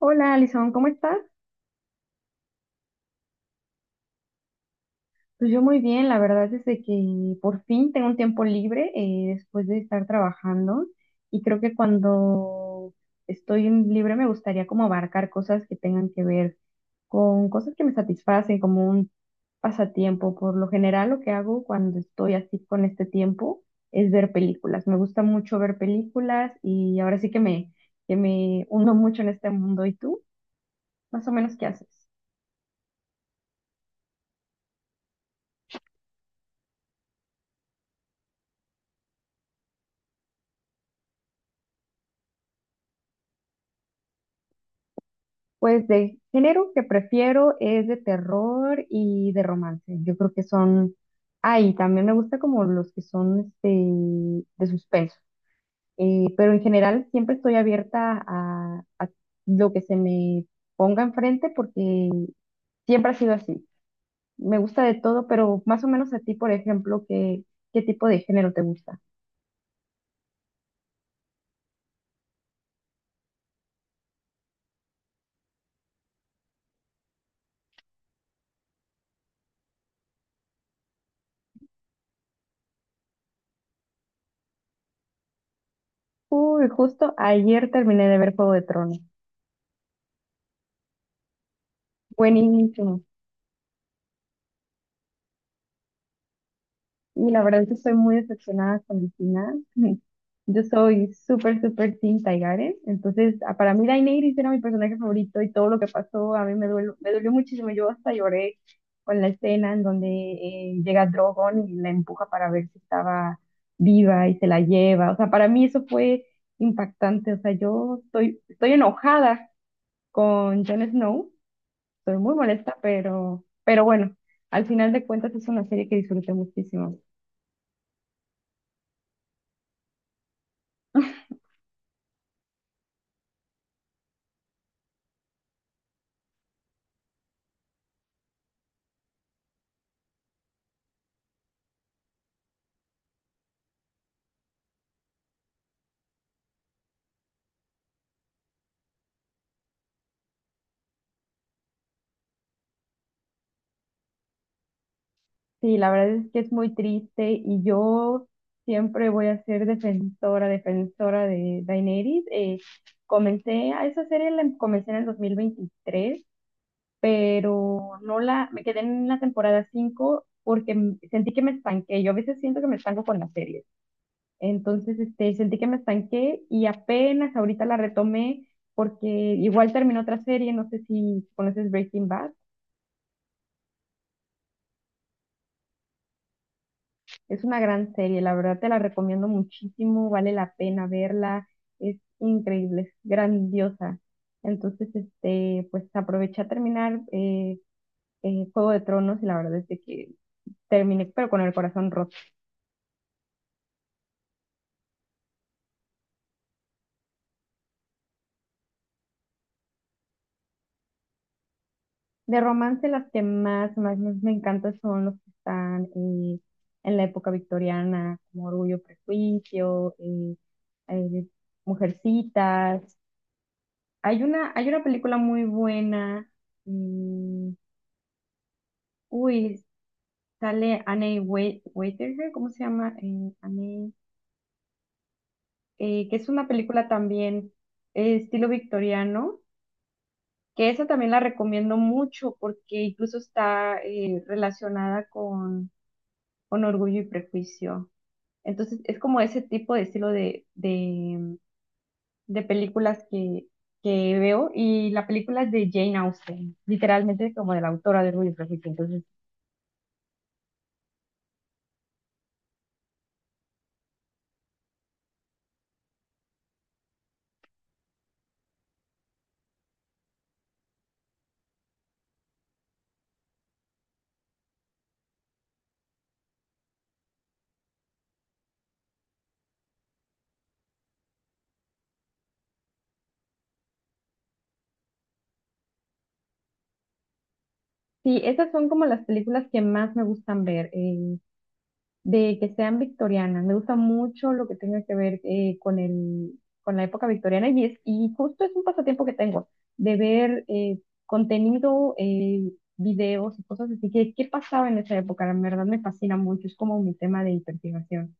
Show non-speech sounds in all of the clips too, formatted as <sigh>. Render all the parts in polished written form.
Hola, Alison, ¿cómo estás? Pues yo muy bien, la verdad es de que por fin tengo un tiempo libre después de estar trabajando y creo que cuando estoy en libre me gustaría como abarcar cosas que tengan que ver con cosas que me satisfacen, como un pasatiempo. Por lo general lo que hago cuando estoy así con este tiempo es ver películas. Me gusta mucho ver películas y ahora sí que me uno mucho en este mundo. ¿Y tú? Más o menos, ¿qué haces? Pues de género que prefiero es de terror y de romance. Yo creo que ay, también me gusta como los que son este, de suspenso. Pero en general siempre estoy abierta a lo que se me ponga enfrente porque siempre ha sido así. Me gusta de todo, pero más o menos a ti, por ejemplo, ¿ qué tipo de género te gusta? Uy, justo ayer terminé de ver Juego de Tronos. Buenísimo. Y la verdad es que estoy muy decepcionada con el final. <laughs> Yo soy súper, súper Team Taigare. Entonces, ah, para mí Daenerys era mi personaje favorito y todo lo que pasó a mí me dolió muchísimo. Yo hasta lloré con la escena en donde llega Drogon y la empuja para ver si estaba viva y se la lleva. O sea, para mí eso fue impactante. O sea, estoy enojada con Jon Snow. Estoy muy molesta, pero bueno, al final de cuentas es una serie que disfruté muchísimo. Sí, la verdad es que es muy triste y yo siempre voy a ser defensora de Daenerys. Comencé a esa serie, la comencé en el 2023, pero no la, me quedé en la temporada 5 porque sentí que me estanqué. Yo a veces siento que me estanco con las series. Entonces, este, sentí que me estanqué y apenas ahorita la retomé porque igual terminó otra serie, no sé si conoces Breaking Bad. Es una gran serie, la verdad te la recomiendo muchísimo, vale la pena verla, es increíble, es grandiosa. Entonces, este, pues aproveché a terminar Juego de Tronos y la verdad es de que terminé, pero con el corazón roto. De romance, las más me encantan son los que están en la época victoriana, como Orgullo, Prejuicio, eh, Mujercitas. Hay una película muy buena. mm, uy, Sale Anne Waitager, ¿cómo se llama? Anne, que es una película también estilo victoriano, que esa también la recomiendo mucho porque incluso está relacionada con Orgullo y Prejuicio. Entonces es como ese tipo de estilo de películas que veo y la película es de Jane Austen, literalmente como de la autora de Orgullo y Prejuicio. Entonces, sí, esas son como las películas que más me gustan ver. De que sean victorianas. Me gusta mucho lo que tenga que ver con con la época victoriana y y justo es un pasatiempo que tengo, de ver contenido, videos y cosas así, que qué pasaba en esa época, la verdad me fascina mucho, es como mi tema de investigación.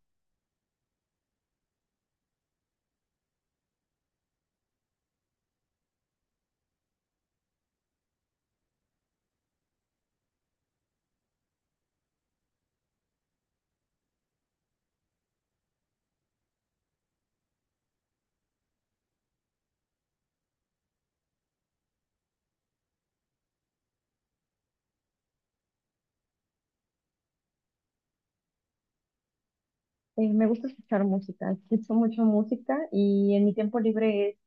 Me gusta escuchar música, escucho mucho música y en mi tiempo libre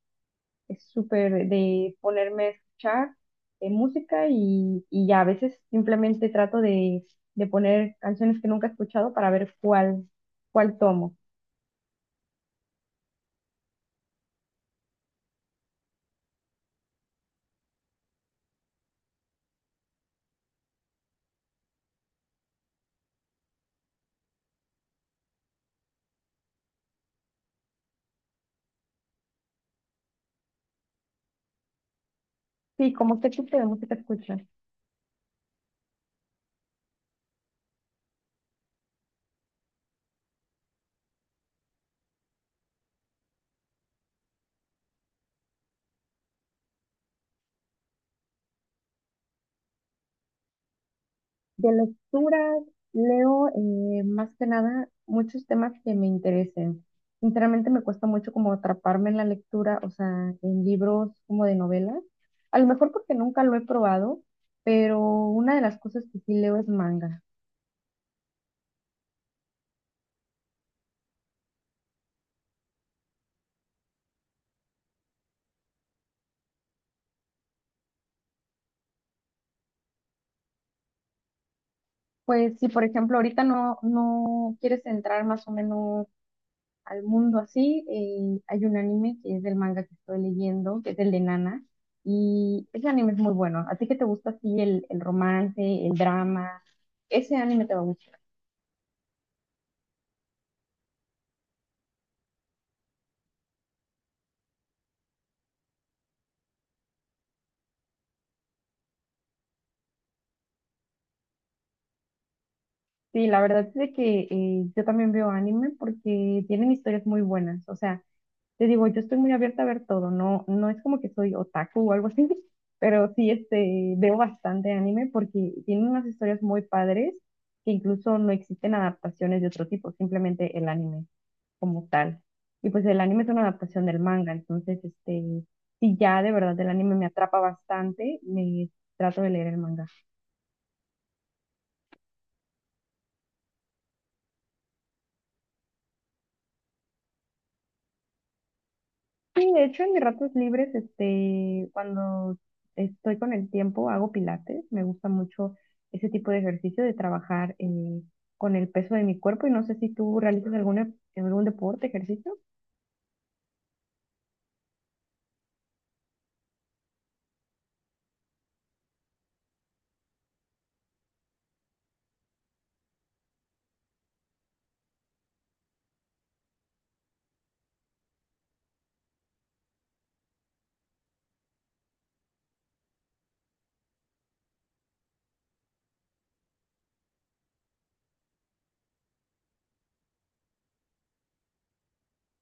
es súper de ponerme a escuchar música y ya a veces simplemente trato de poner canciones que nunca he escuchado para ver cuál tomo. Sí, ¿como qué tipo de música escuchas? De lecturas leo más que nada muchos temas que me interesen. Sinceramente me cuesta mucho como atraparme en la lectura, o sea, en libros como de novelas. A lo mejor porque nunca lo he probado, pero una de las cosas que sí leo es manga. Pues si por ejemplo ahorita no quieres entrar más o menos al mundo así, hay un anime que es del manga que estoy leyendo, que es el de Nana, y ese anime es muy bueno. A ti que te gusta así el romance, el drama, ese anime te va a gustar. Sí, la verdad es de que yo también veo anime porque tienen historias muy buenas. O sea, te digo, yo estoy muy abierta a ver todo, no es como que soy otaku o algo así, <laughs> pero sí este, veo bastante anime porque tiene unas historias muy padres que incluso no existen adaptaciones de otro tipo, simplemente el anime como tal. Y pues el anime es una adaptación del manga, entonces este, si ya de verdad el anime me atrapa bastante, me trato de leer el manga. Sí, de hecho, en mis ratos libres, este, cuando estoy con el tiempo, hago pilates. Me gusta mucho ese tipo de ejercicio de trabajar con el peso de mi cuerpo. Y no sé si tú realizas algún deporte, ejercicio.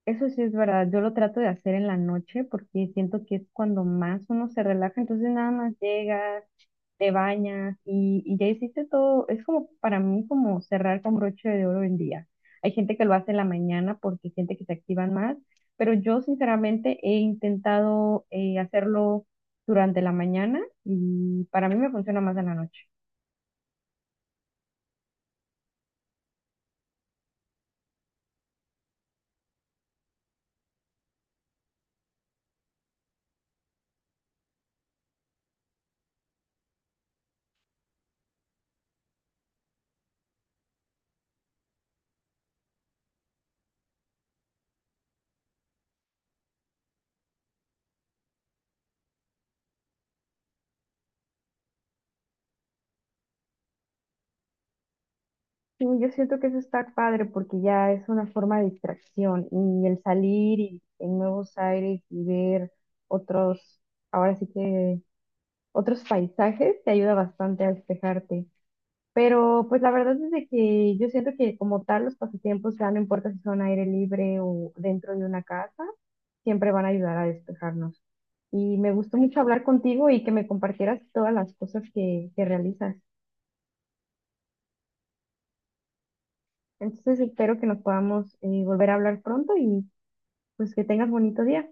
Eso sí es verdad. Yo lo trato de hacer en la noche porque siento que es cuando más uno se relaja. Entonces nada más llegas, te bañas y ya hiciste todo. Es como para mí como cerrar con broche de oro el día. Hay gente que lo hace en la mañana porque siente que se activan más, pero yo sinceramente he intentado hacerlo durante la mañana y para mí me funciona más en la noche. Sí, yo siento que eso está padre porque ya es una forma de distracción y el salir y en nuevos aires y ver otros, ahora sí que otros paisajes te ayuda bastante a despejarte. Pero pues la verdad es de que yo siento que como tal los pasatiempos, ya no importa si son aire libre o dentro de una casa, siempre van a ayudar a despejarnos. Y me gustó mucho hablar contigo y que me compartieras todas las cosas que realizas. Entonces espero que nos podamos volver a hablar pronto y pues que tengas bonito día.